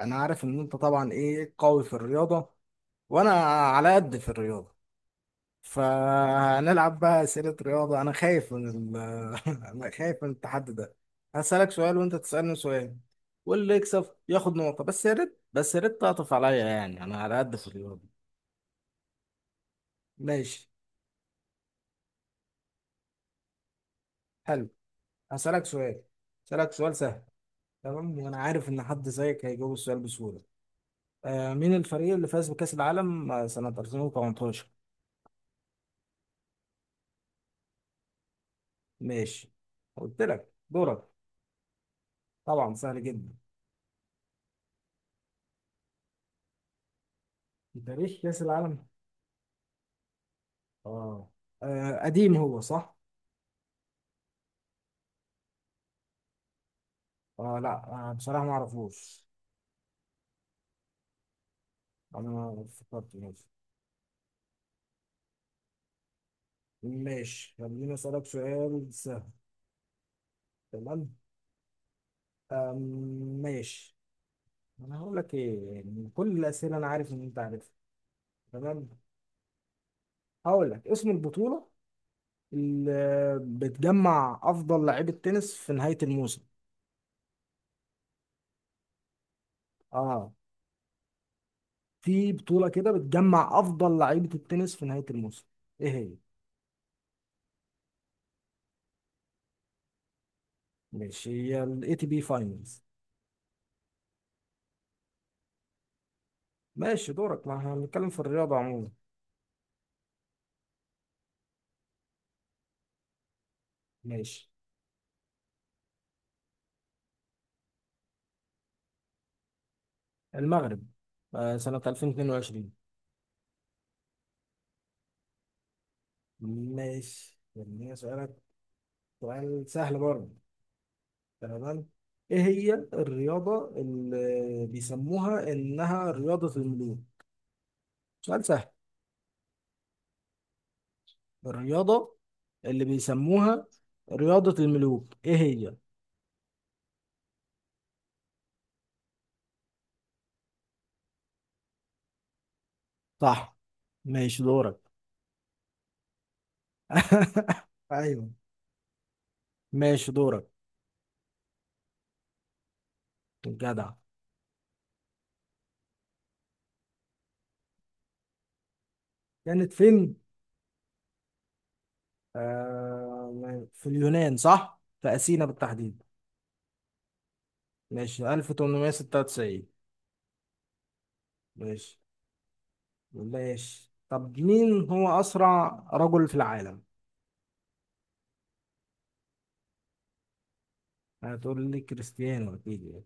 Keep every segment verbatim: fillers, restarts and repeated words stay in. انا عارف ان انت طبعا ايه قوي في الرياضة وانا على قد في الرياضة. فهنلعب بقى اسئلة رياضة. انا خايف من ال... انا خايف من التحدي ده. هسألك سؤال وانت تسألني سؤال واللي يكسب ياخد نقطة، بس يا ريت بس يا ريت تعطف عليا، يعني انا على قد في الرياضة. ماشي. حلو. هسألك سؤال هسألك سؤال سهل. تمام، وانا عارف ان حد زيك هيجاوب السؤال بسهولة. آه مين الفريق اللي فاز بكأس العالم آه، سنة ألفين وتمنتاشر؟ ماشي، قلت لك دورك. طبعا سهل جدا. في تاريخ كأس العالم. اه. آه، قديم هو صح؟ اه لا، آه بصراحة ما اعرفوش. انا ما فكرت. ماشي. ماشي، خليني اسألك سؤال سهل. تمام. آم، ماشي. انا هقول لك ايه، يعني كل الأسئلة انا عارف ان انت عارفها. تمام. هقول لك اسم البطولة اللي بتجمع افضل لعيبة تنس في نهاية الموسم. اه، في بطولة كده بتجمع افضل لعيبة التنس في نهاية الموسم. ايه هي؟ ماشي، هي الاي تي بي فاينلز. ماشي دورك. ما احنا هنتكلم في الرياضة عموما. ماشي. المغرب، آه، سنة ألفين واتنين وعشرين. ماشي، يعني هي سؤالك، سؤال سهل برضه. تمام. ايه هي الرياضة اللي بيسموها انها رياضة الملوك؟ سؤال سهل. الرياضة اللي بيسموها رياضة الملوك ايه هي؟ صح. ماشي دورك. ايوه. ماشي دورك. جدع. كانت فين؟ آه في اليونان صح؟ في أثينا بالتحديد. ماشي، ألف تمنمية ستة وتسعين. ماشي. ماشي طب مين هو أسرع رجل في العالم؟ هتقول لي كريستيانو أكيد يعني.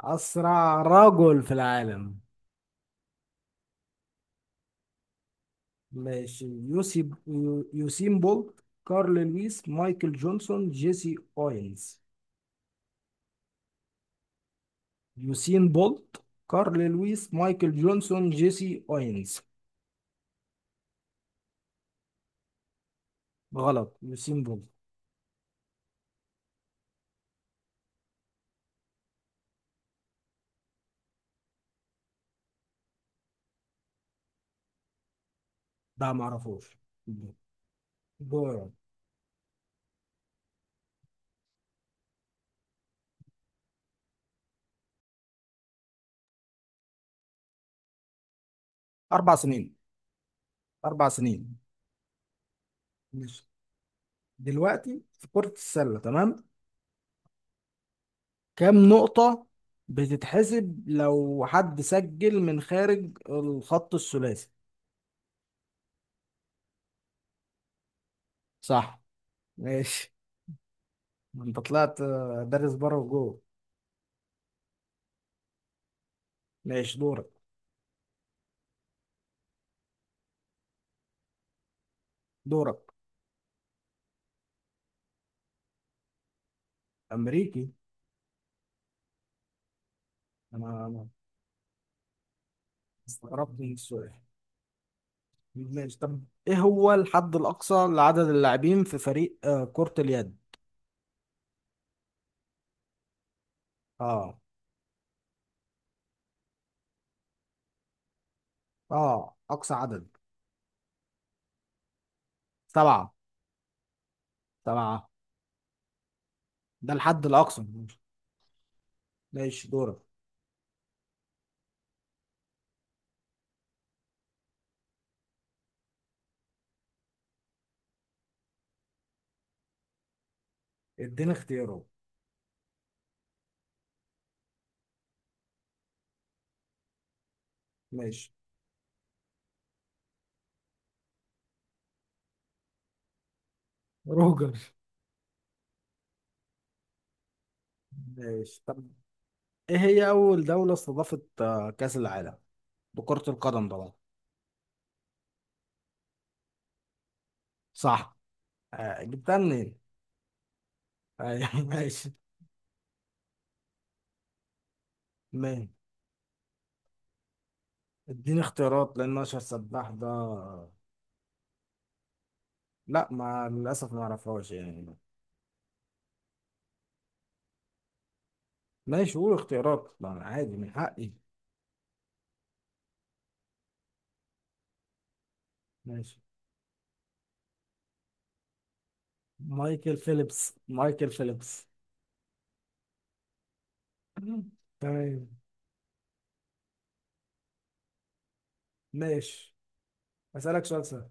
أسرع رجل في العالم. ماشي، يوسي يوسين بولت، كارل لويس، مايكل جونسون، جيسي أوينز. يوسين بولت، كارل لويس، مايكل جونسون، جيسي أوينز. غلط، يوسين بولت. ده معرفوش. دورك. أربع سنين. أربع سنين ماشي. دلوقتي في كرة السلة، تمام. كام نقطة بتتحسب لو حد سجل من خارج الخط الثلاثي؟ صح. ماشي. ما أنت طلعت آه، دارس بره وجوه. ماشي دورك. دورك. أمريكي. أنا أنا استغربت من السؤال. ماشي طب إيه هو الحد الأقصى لعدد اللاعبين في فريق آه، كرة اليد؟ آه. آه أقصى عدد. سبعة. سبعة ده الحد الأقصى. ماشي دورك. اديني اختيارات. ماشي، روجر. ماشي طب ايه هي اول دولة استضافت آه، كأس العالم لكرة القدم طبعا؟ صح. آه، جبتها منين؟ أيوة، ماشي. ماشي، اديني اختيارات لان اشهر سباح ده. لا، ما للاسف ما اعرفهاش يعني. ماشي قول اختيارات، لا، عادي، من حقي. ماشي. مايكل فيليبس، مايكل فيليبس. تمام. ماشي. اسالك سؤال سهل.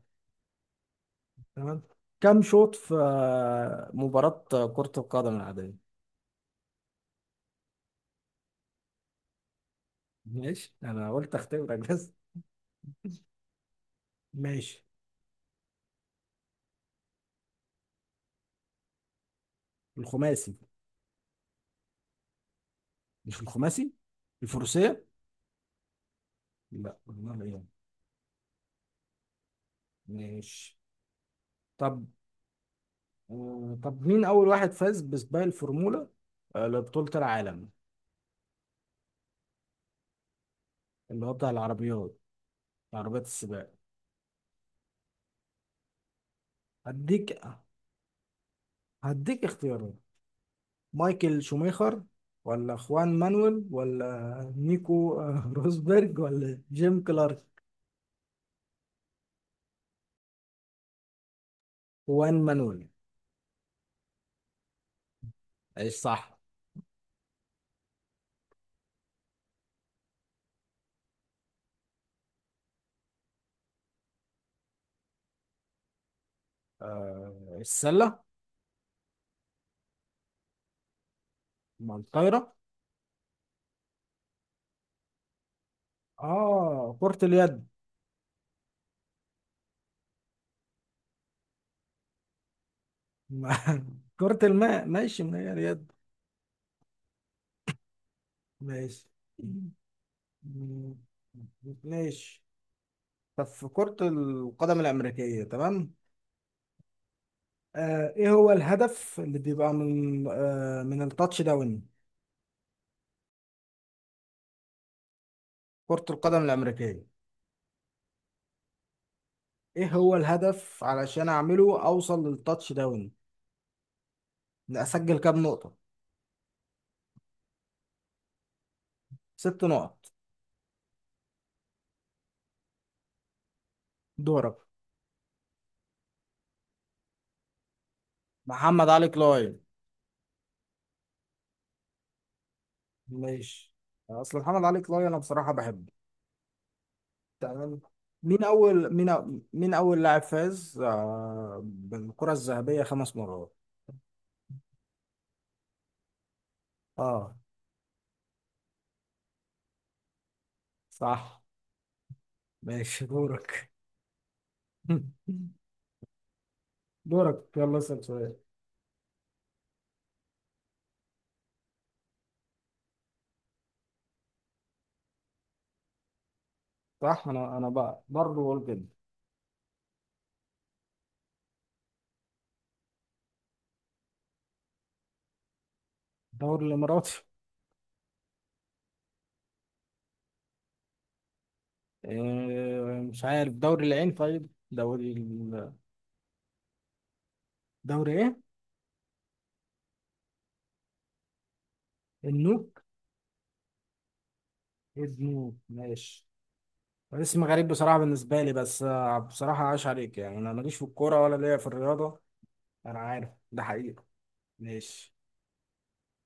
تمام. كم شوط في آه، مباراة كرة القدم العادية؟ ماشي، انا قلت اختبرك بس. ماشي. الخماسي. مش الخماسي، الفروسية. لا والله يعني. ماشي طب آه، طب مين اول واحد فاز بسباق الفورمولا آه، لبطولة العالم؟ اللي هو بتاع العربيات، عربيات السباق. هديك هديك اختيارات. مايكل شوميخر، ولا خوان مانويل، ولا نيكو آه، روزبرج، ولا جيم كلارك. خوان مانويل. ايش صح. آه السلة. مع الطايرة. اه كرة اليد. مع- كرة الماء. ماشي من هي اليد. ماشي. ماشي طب في كرة القدم الأمريكية، تمام. آه ايه هو الهدف اللي بيبقى من آه من التاتش داون؟ كرة القدم الأمريكية. ايه هو الهدف علشان اعمله اوصل للتاتش داون؟ إن اسجل كام نقطة؟ ست نقط. دورك. محمد علي كلاي. ماشي، اصل محمد علي كلاي انا بصراحه بحبه. تمام. مين اول مين أو- مين اول لاعب فاز آه، بالكره الذهبيه خمس مرات؟ اه. صح. ماشي دورك. دورك يلا اسال سؤال. صح، انا انا بقى برضه بقول كده. الدوري الاماراتي. آه، مش عارف، دوري العين؟ طيب دوري ال- دوري ايه؟ النوك. النوك ماشي. اسم غريب بصراحة بالنسبة لي، بس آه، بصراحة عاش عليك. يعني أنا ماليش في الكورة ولا ليا في الرياضة. انا عارف ده حقيقي. ماشي.